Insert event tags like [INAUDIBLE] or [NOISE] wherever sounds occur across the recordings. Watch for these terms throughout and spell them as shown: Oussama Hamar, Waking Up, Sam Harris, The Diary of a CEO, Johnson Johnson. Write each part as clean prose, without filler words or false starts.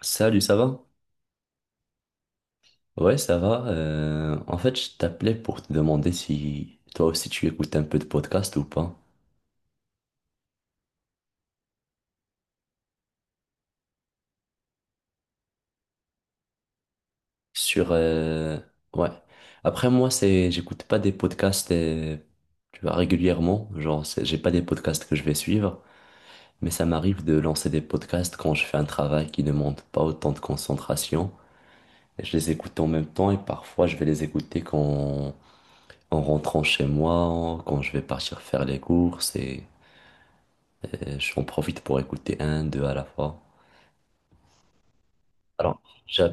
Salut, ça va? Ouais, ça va. En fait, je t'appelais pour te demander si toi aussi tu écoutes un peu de podcast ou pas. Sur, euh, ouais. Après, moi, c'est, j'écoute pas des podcasts, tu vois, régulièrement. Genre, j'ai pas des podcasts que je vais suivre, mais ça m'arrive de lancer des podcasts quand je fais un travail qui demande pas autant de concentration. Et je les écoute en même temps et parfois je vais les écouter quand, en rentrant chez moi, quand je vais partir faire les courses. J'en profite pour écouter un, deux à la fois. Alors, j'a-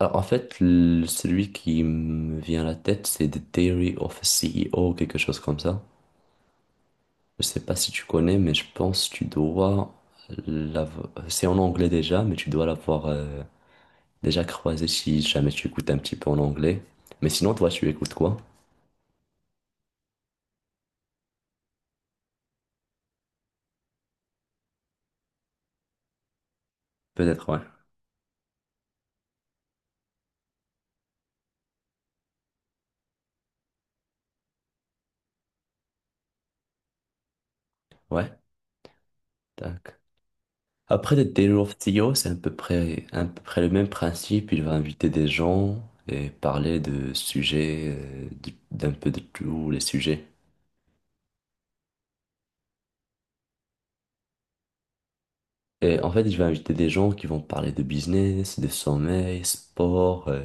alors, en fait, celui qui me vient à la tête, c'est The Diary of a C E O, quelque chose comme ça. Je sais pas si tu connais, mais je pense que tu dois l'avoir. C'est en anglais déjà, mais tu dois l'avoir déjà croisé si jamais tu écoutes un petit peu en anglais. Mais sinon, toi, tu écoutes quoi? Peut-être, ouais. Ouais, tac. Après, le Taylor of CEO, c'est à peu près le même principe. Il va inviter des gens et parler de sujets, d'un peu de tous les sujets. Et en fait, il va inviter des gens qui vont parler de business, de sommeil, sport,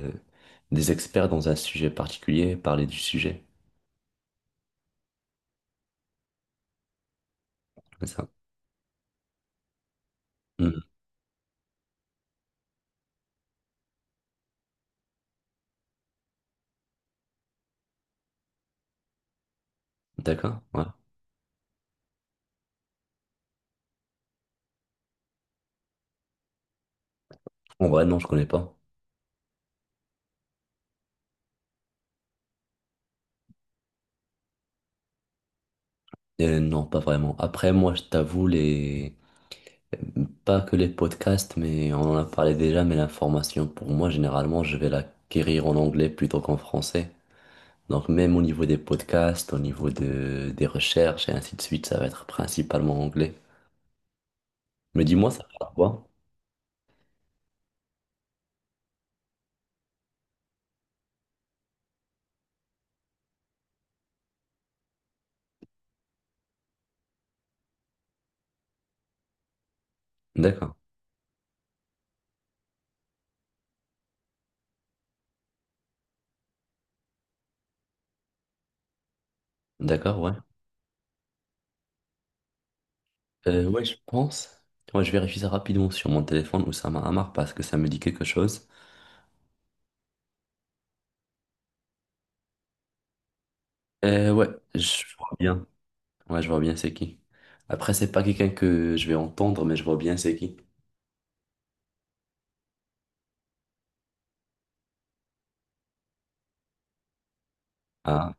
des experts dans un sujet particulier, parler du sujet. C'est ça. Hmm. D'accord, ouais. En vrai, non, je connais pas. Non, pas vraiment. Après, moi, je t'avoue, les... Pas que les podcasts, mais on en a parlé déjà, mais l'information, pour moi, généralement, je vais l'acquérir en anglais plutôt qu'en français. Donc même au niveau des podcasts, au niveau de, des recherches et ainsi de suite, ça va être principalement anglais. Mais dis-moi, ça parle quoi? D'accord, d'accord, ouais. Ouais, je pense. Ouais, je vérifie ça rapidement sur mon téléphone, Oussama Hamar, parce que ça me dit quelque chose. Ouais, je vois bien. Ouais, je vois bien c'est qui. Après, c'est pas quelqu'un que je vais entendre, mais je vois bien c'est qui. Ah.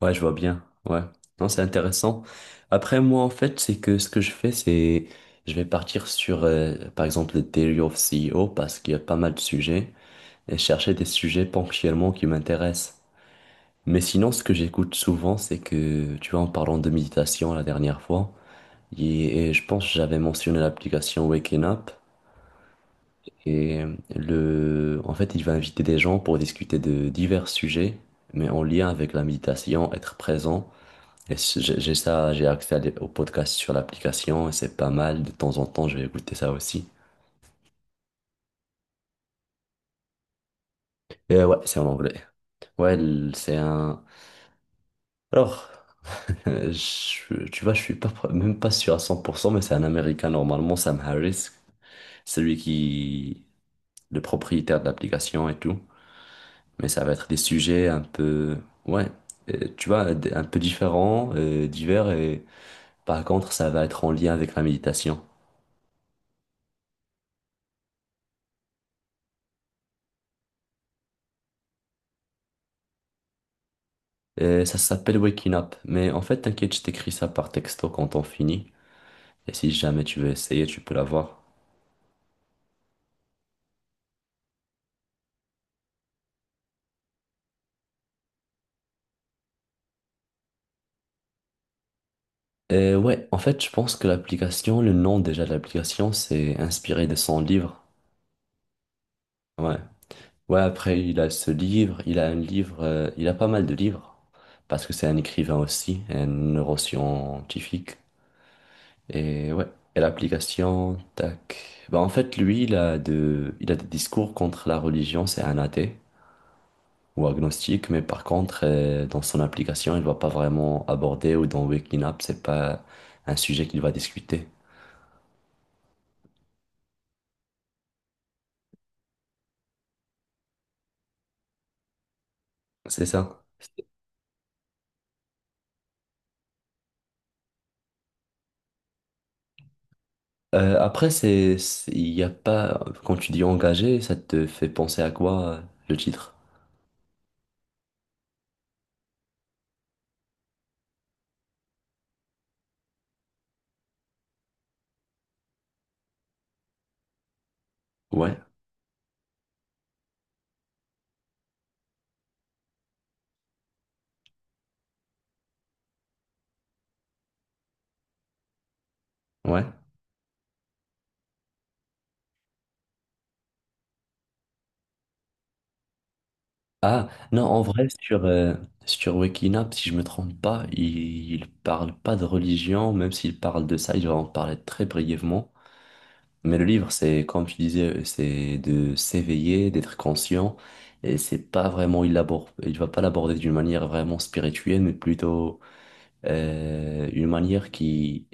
Ouais, je vois bien. Ouais. Non, c'est intéressant. Après, moi, en fait, c'est que ce que je fais, c'est, je vais partir sur, par exemple, le Daily of CEO parce qu'il y a pas mal de sujets et chercher des sujets ponctuellement qui m'intéressent. Mais sinon, ce que j'écoute souvent, c'est que, tu vois, en parlant de méditation la dernière fois, et je pense que j'avais mentionné l'application Waking Up et le, en fait, il va inviter des gens pour discuter de divers sujets, mais en lien avec la méditation, être présent. Et j'ai ça, j'ai accès à au podcast sur l'application et c'est pas mal. De temps en temps, je vais écouter ça aussi. Et ouais, c'est en anglais. Ouais, c'est un. Alors, tu vois, je suis pas, même pas sûr à 100% mais c'est un Américain normalement, Sam Harris. Celui qui, le propriétaire de l'application et tout. Mais ça va être des sujets un peu. Ouais, tu vois, un peu différents, divers. Et par contre, ça va être en lien avec la méditation. Ça s'appelle Waking Up. Mais en fait, t'inquiète, je t'écris ça par texto quand on finit. Et si jamais tu veux essayer, tu peux l'avoir. Ouais, en fait, je pense que l'application, le nom déjà de l'application, c'est inspiré de son livre. Ouais. Ouais, après, il a ce livre, il a pas mal de livres. Parce que c'est un écrivain aussi, un neuroscientifique. Et ouais. Et l'application, tac. Bah, en fait, lui, il a des discours contre la religion, c'est un athée, ou agnostique, mais par contre, dans son application, il va pas vraiment aborder ou dans Waking Up, c'est pas un sujet qu'il va discuter. C'est ça. Il y a pas, quand tu dis engagé, ça te fait penser à quoi, le titre? Ouais, ouais. Ah, non, en vrai, sur Waking Up, si je me trompe pas, il parle pas de religion, même s'il parle de ça, il va en parler très brièvement. Mais le livre, c'est, comme tu disais, c'est de s'éveiller, d'être conscient, et c'est pas vraiment, il l'aborde, il va pas l'aborder d'une manière vraiment spirituelle, mais plutôt une manière qui,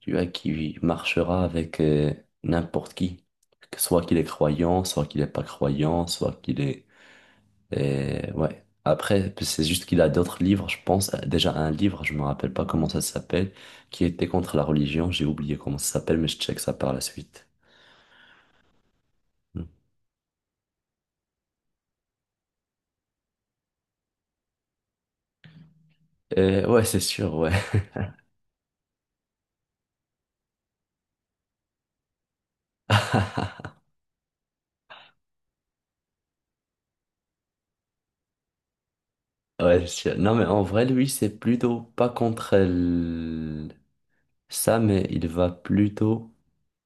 tu vois, qui marchera avec n'importe qui, que soit qu'il est croyant, soit qu'il est pas croyant, soit qu'il est, ouais. Après, c'est juste qu'il a d'autres livres, je pense, déjà un livre, je me rappelle pas comment ça s'appelle, qui était contre la religion, j'ai oublié comment ça s'appelle, mais je check ça par la suite. Hmm. Ouais, c'est sûr, ouais. [LAUGHS] Ouais, c'est sûr. Non, mais en vrai, lui, c'est plutôt pas ça, mais il va plutôt.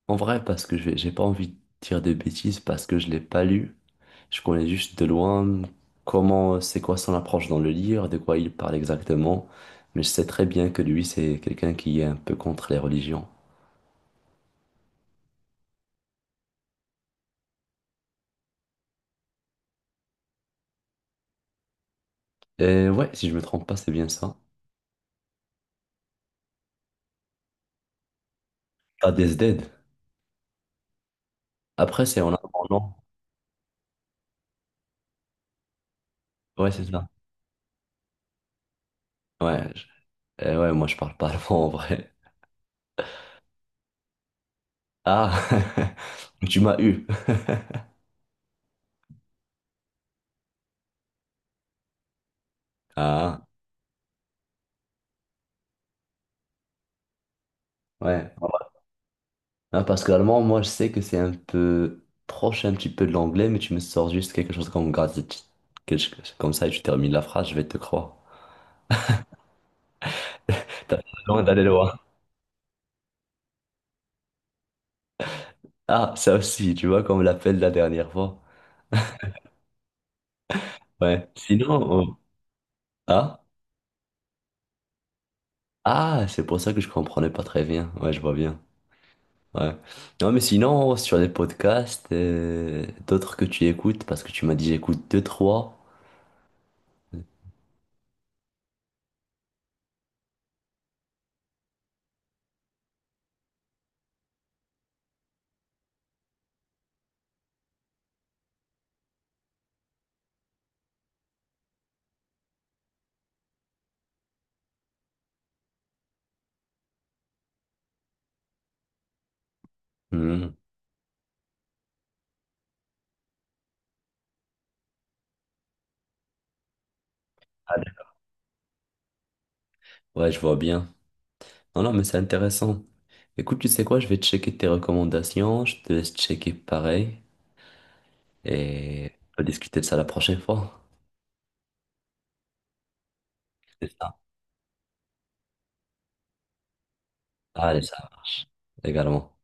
En vrai, parce que j'ai pas envie de dire de bêtises, parce que je l'ai pas lu. Je connais juste de loin comment, c'est quoi son approche dans le livre, de quoi il parle exactement. Mais je sais très bien que lui, c'est quelqu'un qui est un peu contre les religions. Et ouais, si je me trompe pas, c'est bien ça. Ah, Des Dead. Après, c'est en allemand, non? Ouais, c'est ça. Ouais, je- ouais, moi, je parle pas [LAUGHS] allemand en vrai. Ah, [LAUGHS] tu m'as eu. [LAUGHS] Ah, ouais. Non, parce que l'allemand, moi, je sais que c'est un peu proche un petit peu de l'anglais, mais tu me sors juste quelque chose comme gratitude, quelque chose comme ça, et tu termines la phrase, je vais te croire. T'as besoin d'aller loin. Ah, ça aussi, tu vois, comme l'appel de la dernière fois. Ouais. Ah, ah, c'est pour ça que je comprenais pas très bien. Ouais, je vois bien. Ouais. Non, mais sinon, sur les podcasts, d'autres que tu écoutes, parce que tu m'as dit j'écoute deux, trois. Hmm. Ouais, je vois bien. Non, non, mais c'est intéressant. Écoute, tu sais quoi, je vais checker tes recommandations, je te laisse checker pareil et on va discuter de ça la prochaine fois. C'est ça. Allez, ça marche. Également.